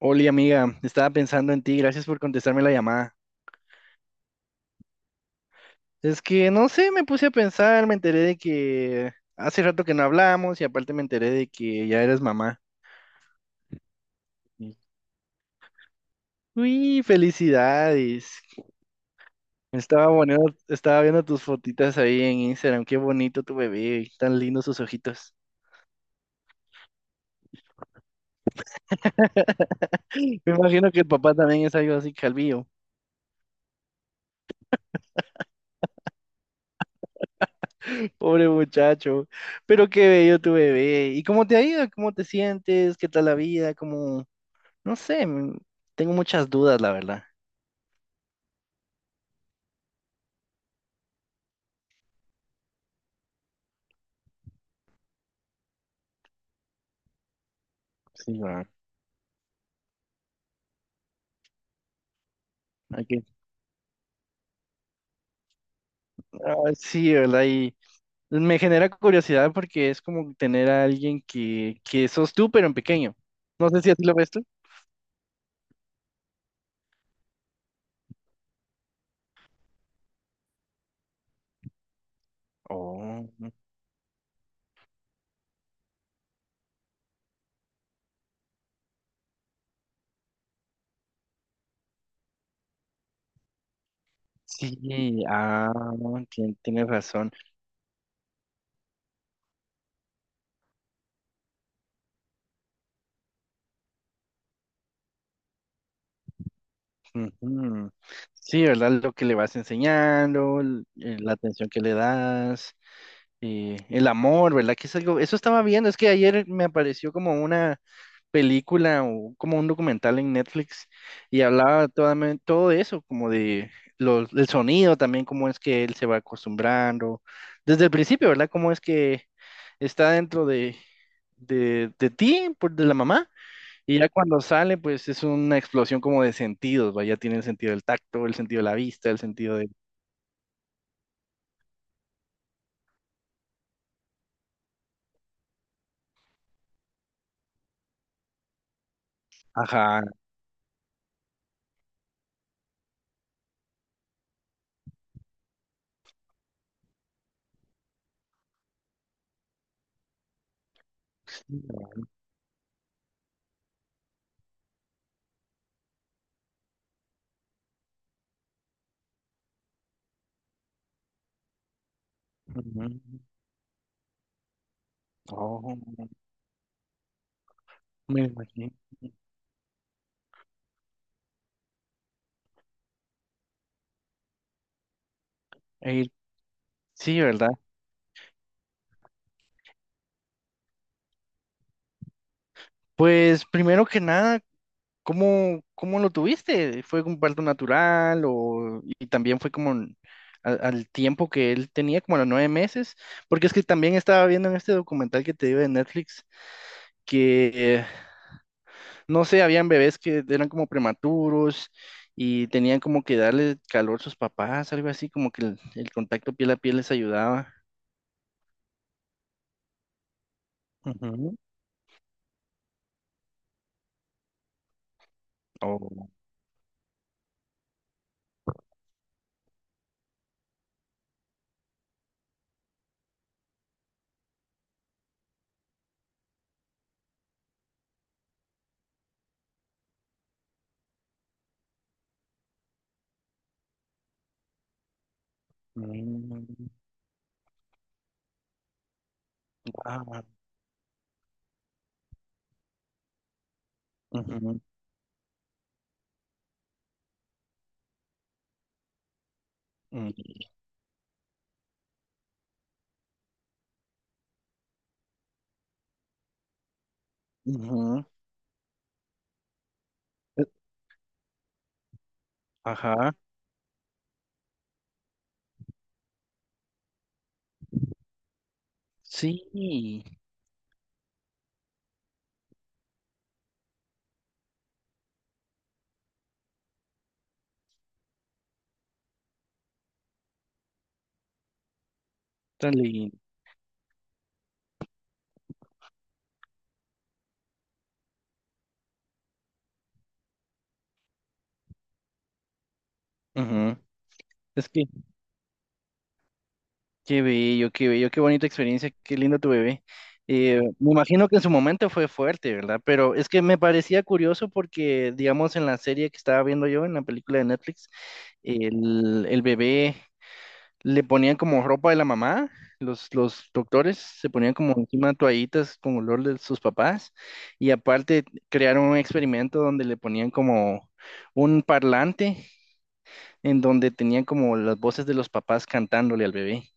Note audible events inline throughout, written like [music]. Oli, amiga, estaba pensando en ti, gracias por contestarme la llamada. Es que no sé, me puse a pensar, me enteré de que hace rato que no hablamos y aparte me enteré de que ya eres mamá. Y- Uy, felicidades. Estaba bueno, estaba viendo tus fotitas ahí en Instagram, qué bonito tu bebé, tan lindos sus ojitos. Me imagino que el papá también es algo así calvillo. Pobre muchacho, pero qué bello tu bebé. ¿Y cómo te ha ido? ¿Cómo te sientes? ¿Qué tal la vida? ¿Cómo? No sé, tengo muchas dudas, la verdad. Sí, va. Hay que- ah, sí, ¿verdad? Y me genera curiosidad porque es como tener a alguien que sos tú, pero en pequeño. No sé si así lo ves tú. Oh, sí, ah, tienes razón. Ujú. Sí, ¿verdad? Lo que le vas enseñando, la atención que le das, el amor, ¿verdad? Que es algo, eso estaba viendo, es que ayer me apareció como una película o como un documental en Netflix y hablaba todo eso, como de el sonido también, cómo es que él se va acostumbrando desde el principio, ¿verdad? Cómo es que está dentro de ti, de la mamá, y ya cuando sale, pues es una explosión como de sentidos, ¿va? Ya tiene el sentido del tacto, el sentido de la vista, el sentido de... Ajá. Ujú. Oh, me imagino. Eh, sí, ¿verdad? Pues primero que nada, ¿Cómo lo tuviste? ¿Fue un parto natural o y también fue como al tiempo que él tenía, como a los 9 meses? Porque es que también estaba viendo en este documental que te digo de Netflix que eh, no sé, habían bebés que eran como prematuros y tenían como que darle calor a sus papás, algo así, como que el contacto piel a piel les ayudaba. Ujú. Oh. Mm. Ah. Ujú. Mm. Ujú. Ajá, sí. tan Ujú. Es que qué bello, qué bello, qué bonita experiencia, qué lindo tu bebé. Me imagino que en su momento fue fuerte, ¿verdad? Pero es que me parecía curioso porque, digamos, en la serie que estaba viendo yo, en la película de Netflix, el bebé le ponían como ropa de la mamá, los doctores se ponían como encima toallitas con olor de sus papás y aparte crearon un experimento donde le ponían como un parlante en donde tenían como las voces de los papás cantándole al bebé.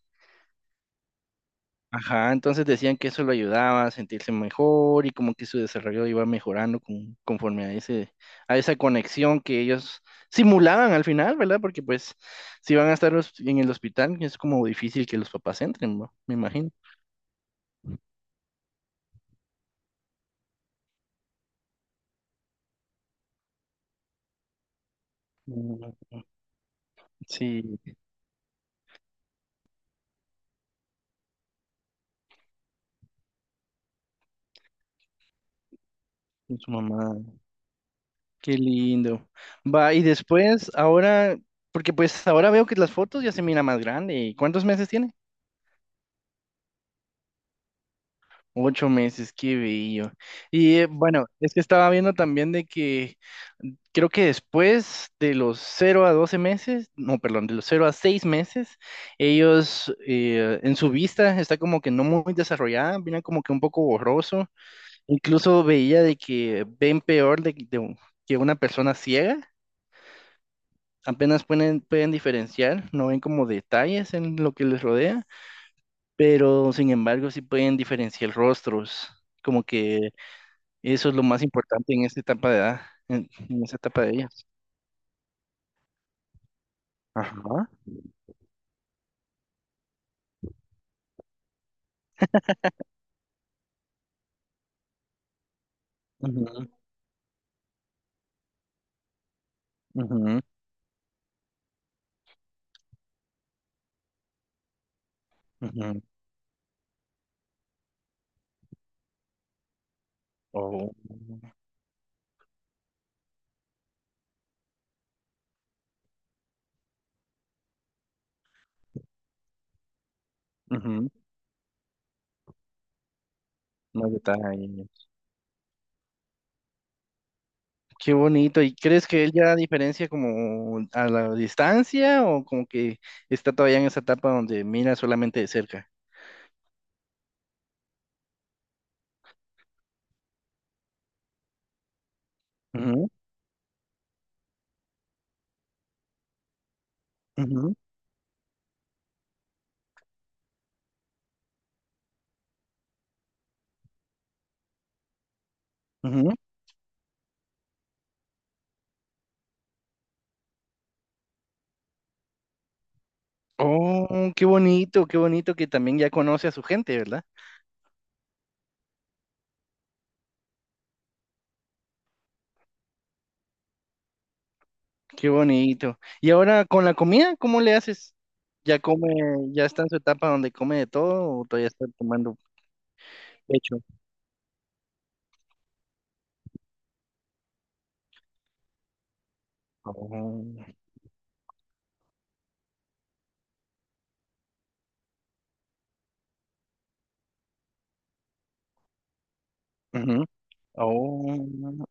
Ajá, entonces decían que eso lo ayudaba a sentirse mejor y como que su desarrollo iba mejorando conforme a ese, a esa conexión que ellos simulaban al final, ¿verdad? Porque pues si van a estar en el hospital, es como difícil que los papás entren, ¿no? Me imagino. Mm, sí, con su mamá. Qué lindo. Va, y después, ahora, porque pues ahora veo que las fotos ya se mira más grande. ¿Y cuántos meses tiene? 8 meses, qué bello. Y bueno, es que estaba viendo también de que creo que después de los 0 a 12 meses, no, perdón, de los 0 a 6 meses, ellos en su vista está como que no muy desarrollada, viene como que un poco borroso. Incluso veía de que ven peor de que una persona ciega. Apenas pueden diferenciar, no ven como detalles en lo que les rodea, pero sin embargo sí pueden diferenciar rostros, como que eso es lo más importante en esta etapa de edad, en esta etapa de ellas. Ajá. Ujú, ujú, ujú. Oh, ujú. Más detalles. Qué bonito. ¿Y crees que él ya diferencia como a la distancia o como que está todavía en esa etapa donde mira solamente de cerca? Ujú, ujú, ujú. Oh, qué bonito que también ya conoce a su gente, ¿verdad? Qué bonito. Y ahora con la comida, ¿cómo le haces? ¿Ya come, ya está en su etapa donde come de todo o todavía está tomando pecho? Oh, ujú. Oh,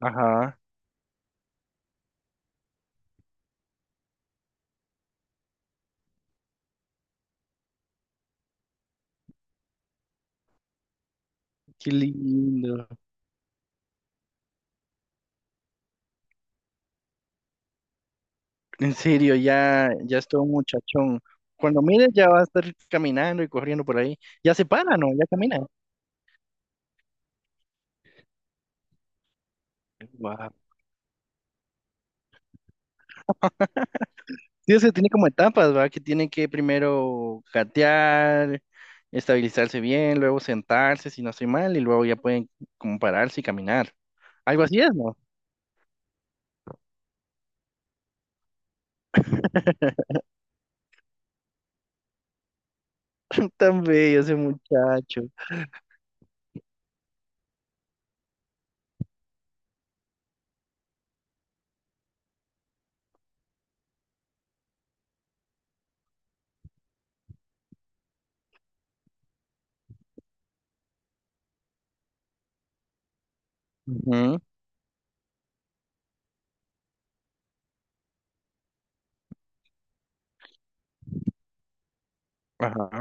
ajá, qué lindo. En serio, ya, ya es todo un muchachón. Cuando mires ya va a estar caminando y corriendo por ahí. Ya se para, ¿no? Ya camina. Wow. Sí, o sea, tiene como etapas, ¿verdad? Que tiene que primero gatear, estabilizarse bien, luego sentarse, si no estoy mal, y luego ya pueden como pararse y caminar. Algo así es, ¿no? [laughs] Tan bello ese muchacho. Ujú, ajá.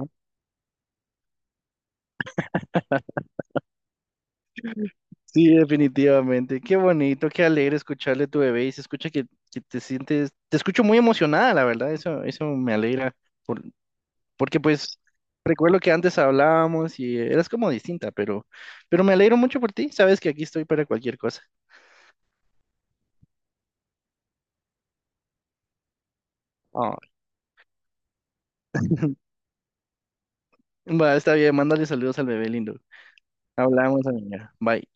Sí, definitivamente. Qué bonito, qué alegre escucharle a tu bebé y se escucha que te sientes, te escucho muy emocionada, la verdad, eso me alegra. Por, porque pues recuerdo que antes hablábamos y eras como distinta, pero me alegro mucho por ti, sabes que aquí estoy para cualquier cosa. Ah, va, está bien, mándale saludos al bebé lindo. Hablamos, amiga. Bye.